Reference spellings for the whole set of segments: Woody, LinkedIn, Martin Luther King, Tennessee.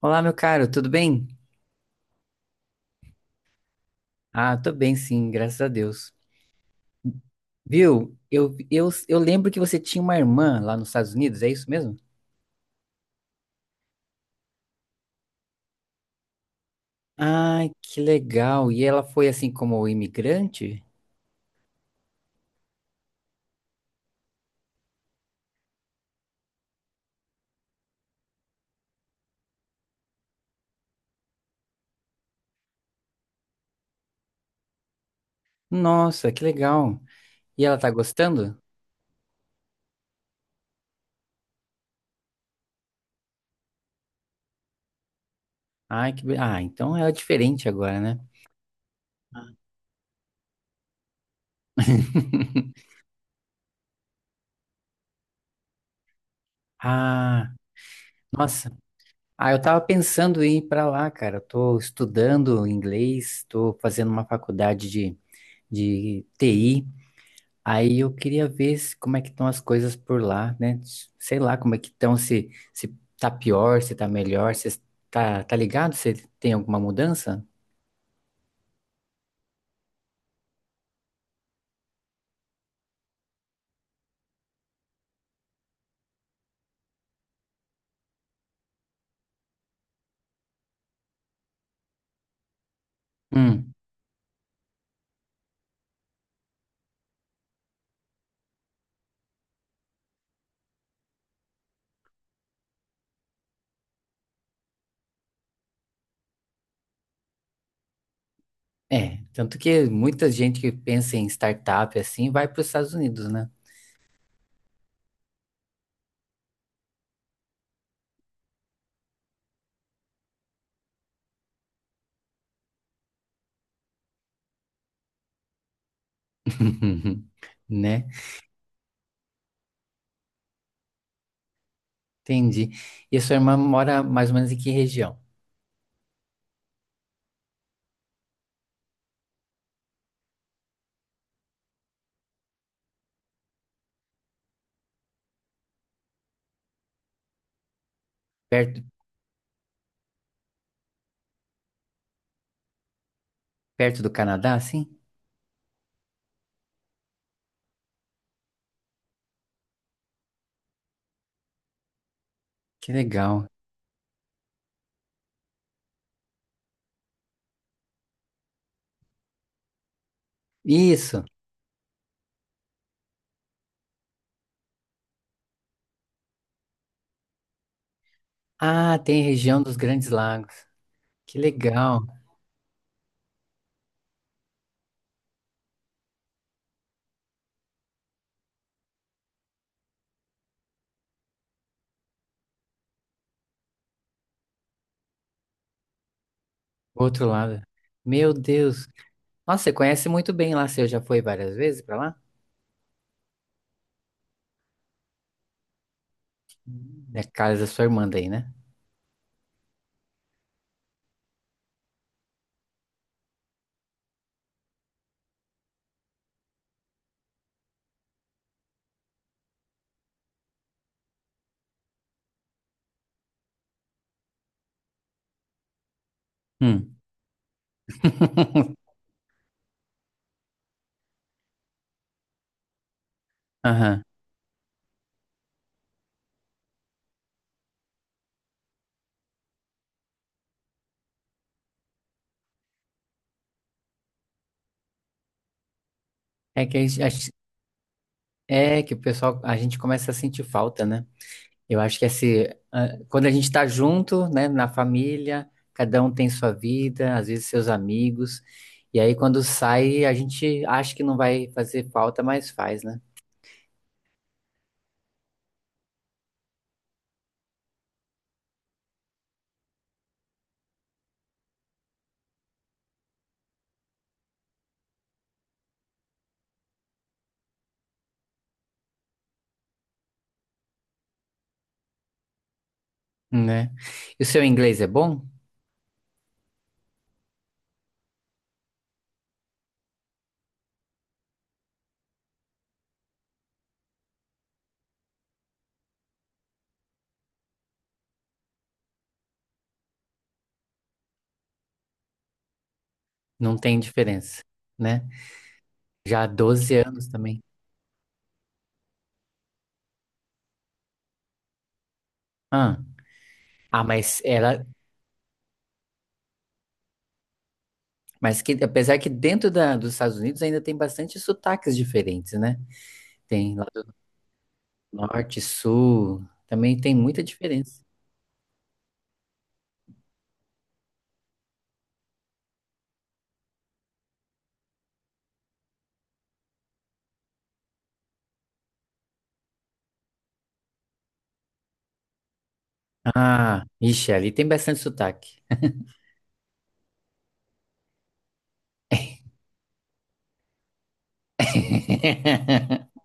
Olá, meu caro, tudo bem? Tô bem, sim, graças a Deus. Viu? Eu lembro que você tinha uma irmã lá nos Estados Unidos, é isso mesmo? Ai, que legal! E ela foi assim como imigrante? Nossa, que legal! E ela tá gostando? Ah, então ela é diferente agora, né? Ah, nossa. Ah, eu tava pensando em ir pra lá, cara. Eu tô estudando inglês, tô fazendo uma faculdade de TI. Aí eu queria ver como é que estão as coisas por lá, né? Sei lá como é que estão, se tá pior, se tá melhor, se tá, tá ligado, se tem alguma mudança? Hum, é. Tanto que muita gente que pensa em startup assim vai para os Estados Unidos, né? Né? Entendi. E a sua irmã mora mais ou menos em que região? Perto, perto do Canadá, assim? Que legal. Isso. Ah, tem região dos Grandes Lagos. Que legal. Outro lado. Meu Deus. Nossa, você conhece muito bem lá, você já foi várias vezes pra lá? Hum. É a casa da sua irmã daí, né? Hum. Aham. É que a gente- É que o pessoal, a gente começa a sentir falta, né? Eu acho que assim, ah, quando a gente tá junto, né, na família, cada um tem sua vida, às vezes seus amigos, e aí quando sai, a gente acha que não vai fazer falta, mas faz, né? Né? E o seu inglês é bom? Não tem diferença, né? Já há 12 anos também. Ah, ah, mas ela. Mas que, apesar que dos Estados Unidos ainda tem bastante sotaques diferentes, né? Tem lá do norte, sul, também tem muita diferença. Ah, ixi, ali tem bastante sotaque.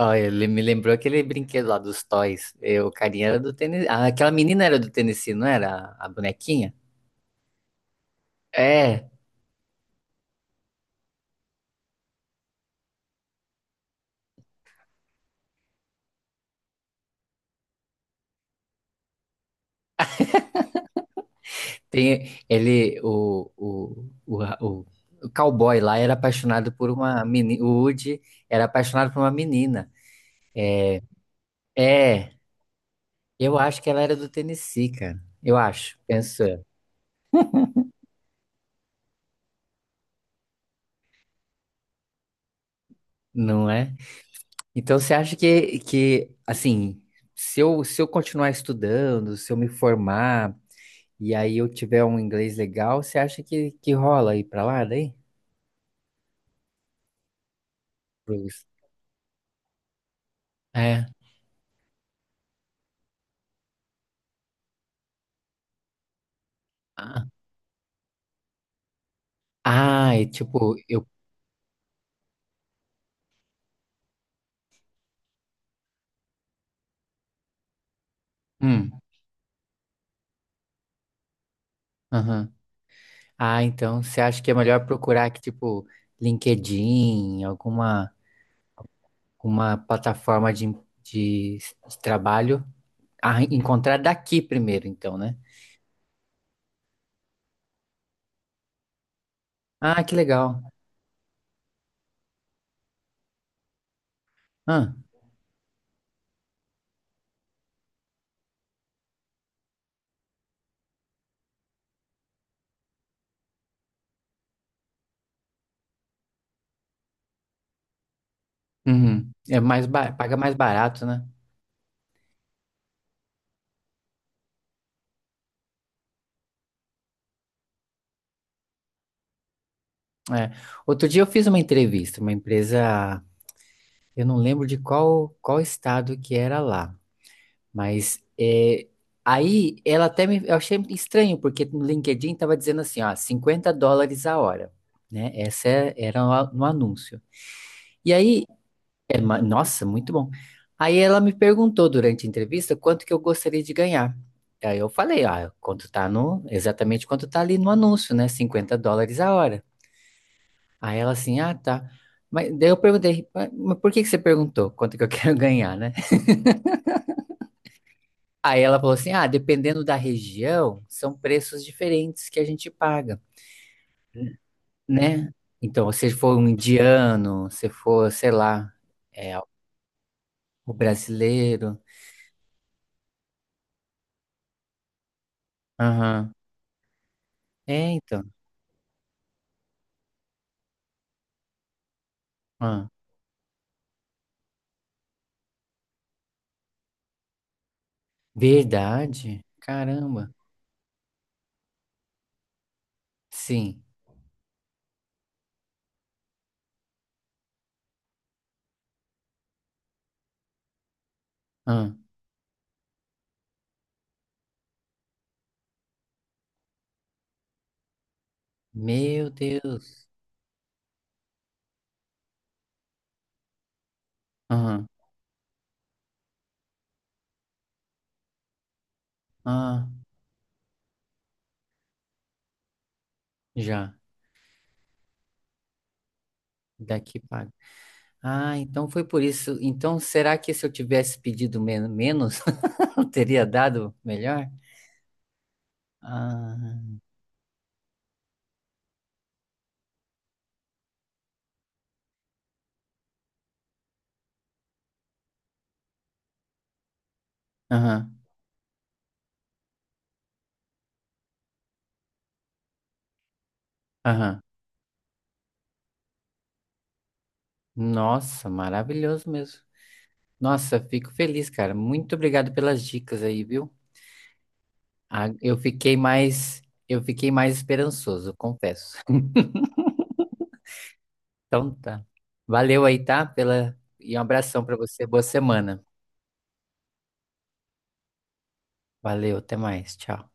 Olha, ele me lembrou aquele brinquedo lá dos Toys. Eu, o carinha era do Tennessee. Ah, aquela menina era do Tennessee, não era? A bonequinha? É, tem ele, o cowboy lá era apaixonado por uma menina. O Woody era apaixonado por uma menina. É. Eu acho que ela era do Tennessee, cara. Eu acho, penso, eu, não é? Então você acha que assim, se eu continuar estudando, se eu me formar e aí eu tiver um inglês legal, você acha que rola aí pra lá daí? Pros- É. Ah, ah, é tipo, eu. Hum, aham. Ah, então você acha que é melhor procurar aqui, tipo, LinkedIn, alguma uma plataforma de de trabalho, a encontrar daqui primeiro, então, né? Ah, que legal. Ah, uhum. É mais ba- paga mais barato, né? É. Outro dia eu fiz uma entrevista, uma empresa, eu não lembro de qual estado que era lá, mas é, aí ela até me, eu achei estranho porque no LinkedIn tava dizendo assim, ó, US$ 50 a hora, né? Era no no anúncio. E aí é, ma- nossa, muito bom. Aí ela me perguntou durante a entrevista quanto que eu gostaria de ganhar. Aí eu falei, ah, quanto tá no, exatamente quanto tá ali no anúncio, né? Cinquenta dólares a hora. Aí ela assim, ah, tá. Mas daí eu perguntei, mas por que que você perguntou quanto que eu quero ganhar, né? Aí ela falou assim, ah, dependendo da região, são preços diferentes que a gente paga, né? Então, se for um indiano, se for, sei lá, é, o brasileiro, aham. É, então. Verdade? Caramba. Sim. Ah, meu Deus. Aham. Ah, já. Daqui paga. Ah, então foi por isso. Então, será que se eu tivesse pedido menos, eu teria dado melhor? Ah, aham, aham. Nossa, maravilhoso mesmo. Nossa, fico feliz, cara. Muito obrigado pelas dicas aí, viu? Ah, eu fiquei mais, eu fiquei mais esperançoso, confesso. Então tá. Valeu aí, tá? Pela... E um abração pra você. Boa semana. Valeu, até mais. Tchau.